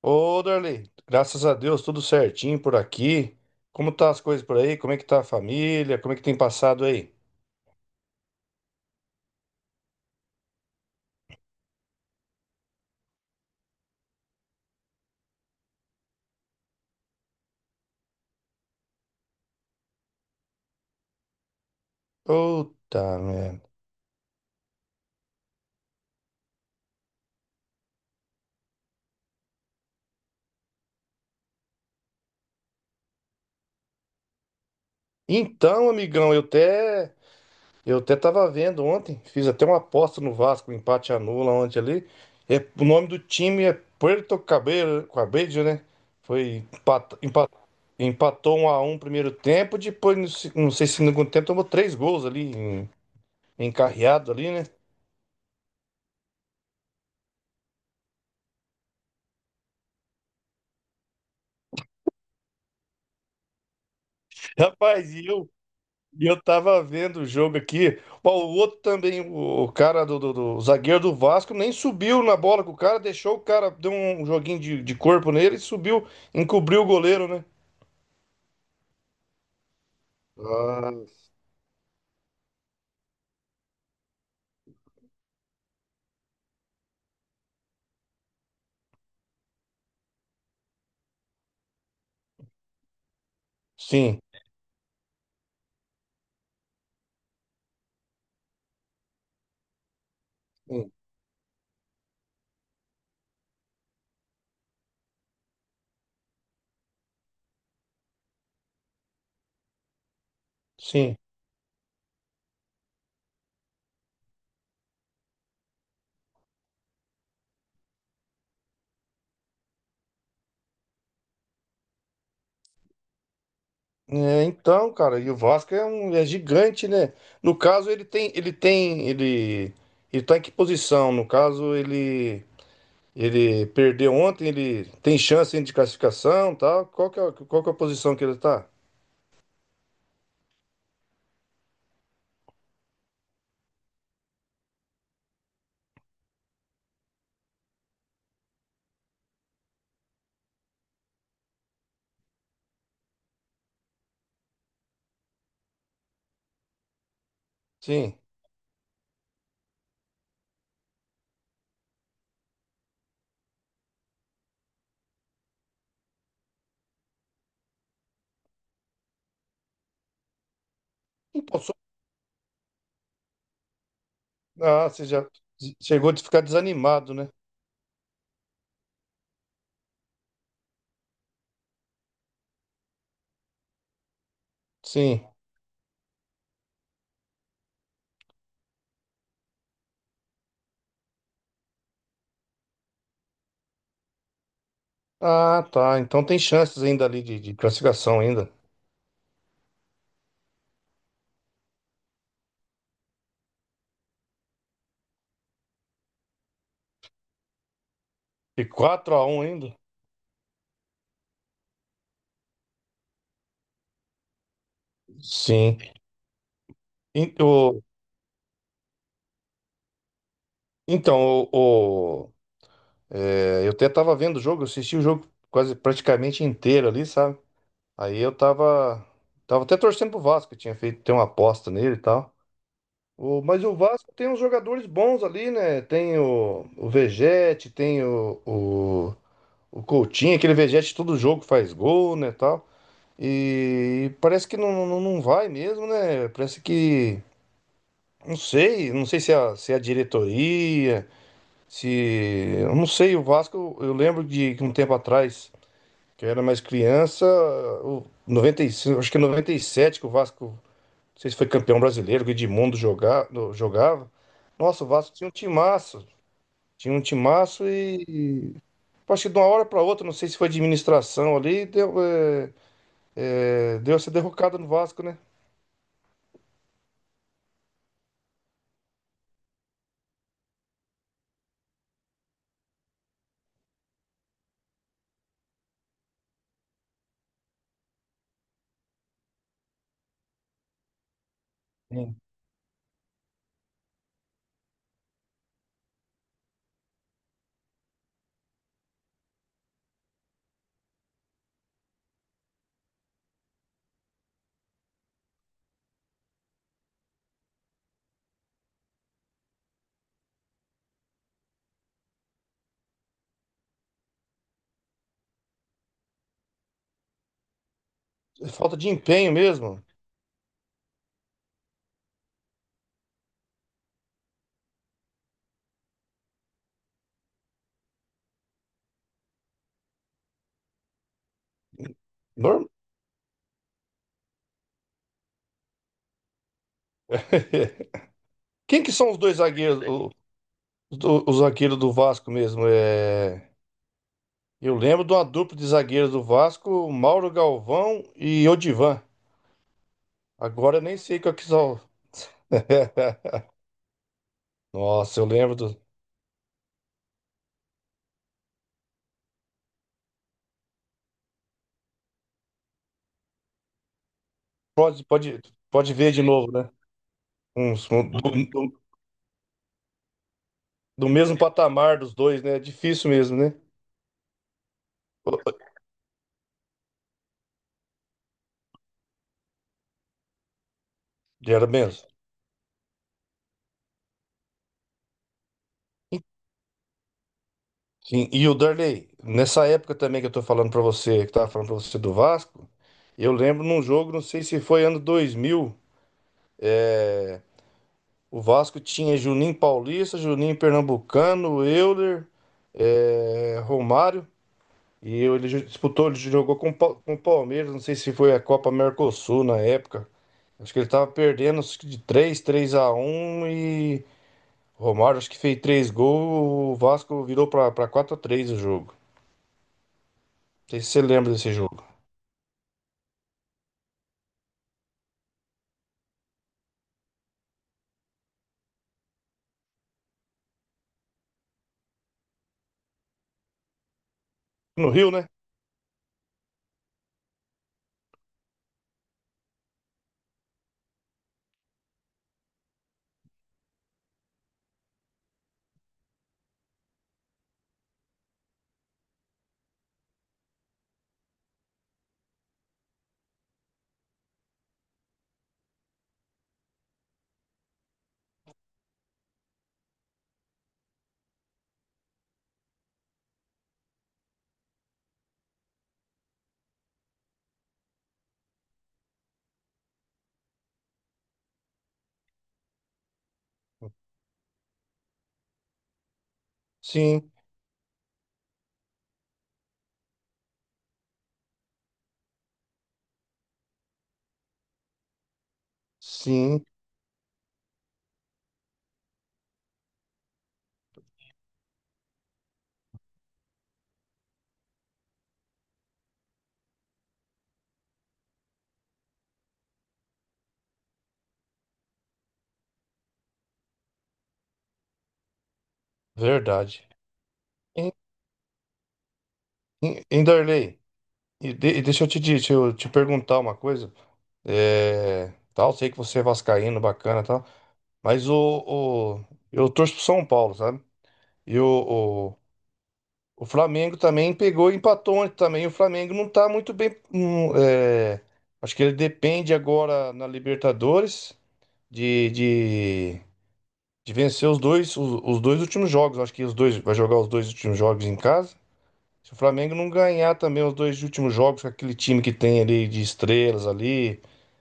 Ô, Darley, graças a Deus, tudo certinho por aqui. Como tá as coisas por aí? Como é que tá a família? Como é que tem passado aí? Puta merda. Então, amigão, eu até tava vendo ontem, fiz até uma aposta no Vasco, um empate anula ontem ali. É, o nome do time é Puerto Cabello, Cabello, né? Foi empatou 1-1 primeiro tempo, depois não sei se no segundo tempo tomou três gols ali encarreado ali, né? Rapaz, e eu tava vendo o jogo aqui. Ó, o outro também, o cara o zagueiro do Vasco, nem subiu na bola com o cara, deixou o cara, deu um joguinho de corpo nele e subiu, encobriu o goleiro, né? Ah, sim, sim. sim. É, então, cara, e o Vasco é gigante, né? No caso, ele tá em que posição? No caso, ele perdeu ontem, ele tem chance ainda de classificação, tal. Qual que é a posição que ele tá? Sim. Pô, ah, você já chegou de ficar desanimado, né? Sim. Ah, tá. Então tem chances ainda ali de classificação ainda. De 4-1 ainda? Sim. En- o- Então, é, eu até tava vendo o jogo, eu assisti o jogo quase praticamente inteiro ali, sabe? Aí eu tava até torcendo pro Vasco, eu tinha feito ter uma aposta nele e tal. Mas o Vasco tem uns jogadores bons ali, né? Tem o Vegetti, tem o Coutinho, aquele vegete, todo jogo faz gol, né, tal. E parece que não, não, não vai mesmo, né? Parece que. Não sei se é a diretoria, se. Eu não sei, o Vasco, eu lembro de que um tempo atrás, que eu era mais criança, o 95 acho que em 97 que o Vasco, não sei se foi campeão brasileiro, que o Edmundo jogava. Nossa, o Vasco tinha um timaço. Tinha um timaço e tipo, acho que de uma hora para outra, não sei se foi administração ali, deu essa derrocada no Vasco, né? Sim. Falta de empenho mesmo. Norm- Quem que são os dois zagueiros, os zagueiros do Vasco mesmo? É, eu lembro de uma dupla de zagueiros do Vasco, Mauro Galvão e Odivan. Agora eu nem sei qual que são. Nossa, eu lembro do. Pode, pode, pode ver de novo, né? Uns- um- do, do- do mesmo patamar dos dois, né? É difícil mesmo, né? Era mesmo. Sim, e o Darley, nessa época também que eu tô falando pra você, que eu tava falando pra você do Vasco, eu lembro num jogo, não sei se foi ano 2000, é, o Vasco tinha Juninho Paulista, Juninho Pernambucano, Euler, é, Romário, e ele disputou, ele jogou com o Palmeiras, não sei se foi a Copa Mercosul na época, acho que ele tava perdendo acho que de três a um e o Romário acho que fez 3 gols, o Vasco virou pra 4-3 o jogo. Não sei se você lembra desse jogo. No Rio, né? Sim, sim, verdade. Em, em Darley, e deixa eu te perguntar uma coisa. É, tal, sei que você é vascaíno, bacana, e tal, mas o eu torço pro São Paulo, sabe? E o Flamengo também pegou e empatou ontem também. O Flamengo não tá muito bem. Acho que ele depende agora na Libertadores de, de De vencer os dois últimos jogos. Acho que os dois vai jogar os dois últimos jogos em casa. Se o Flamengo não ganhar também os dois últimos jogos com aquele time que tem ali de estrelas ali,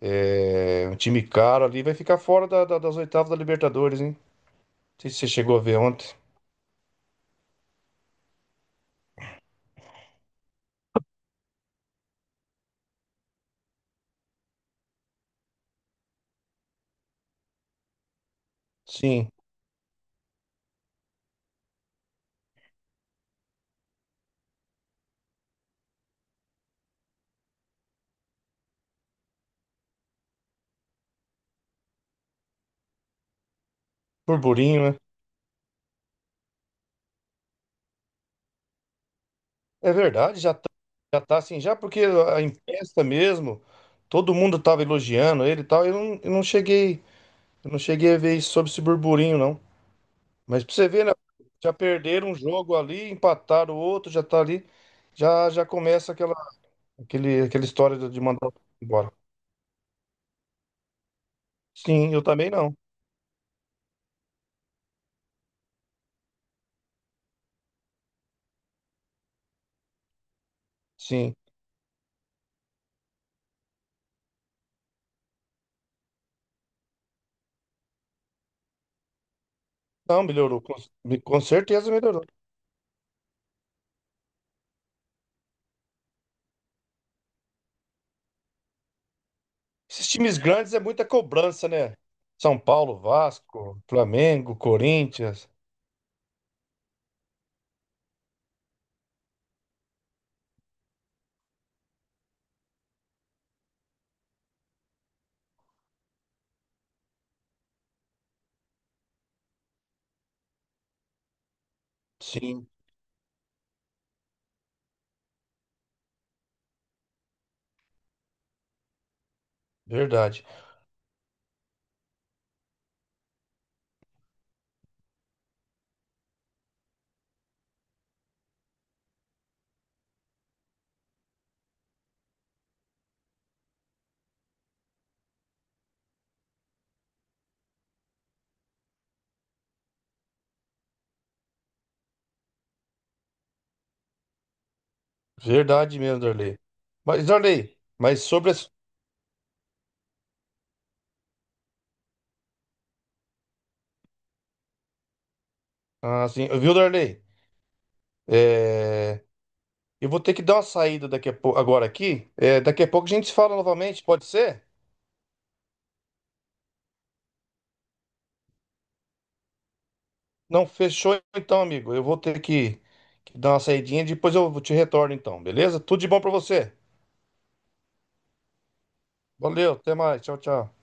um time caro ali, vai ficar fora das oitavas da Libertadores, hein? Não sei se você chegou a ver ontem. Sim, burburinho, né? É verdade, já tá assim, já porque a imprensa mesmo, todo mundo tava elogiando ele e tal, eu não cheguei a ver isso sobre esse burburinho, não. Mas pra você ver, né? Já perderam um jogo ali, empataram o outro, já tá ali. Já começa aquela, aquela história de mandar o time embora. Sim, eu também não. Sim. Não, melhorou. Com certeza melhorou. Esses times grandes é muita cobrança, né? São Paulo, Vasco, Flamengo, Corinthians. Sim, verdade. Verdade mesmo, Darley. Mas, Darley, mas sobre... Ah, sim, viu, Darley? É. Eu vou ter que dar uma saída daqui a pouco, agora aqui. É, daqui a pouco a gente se fala novamente, pode ser? Não, fechou então, amigo. Eu vou ter que dar uma saidinha, depois eu te retorno então, beleza? Tudo de bom pra você. Valeu, até mais. Tchau, tchau.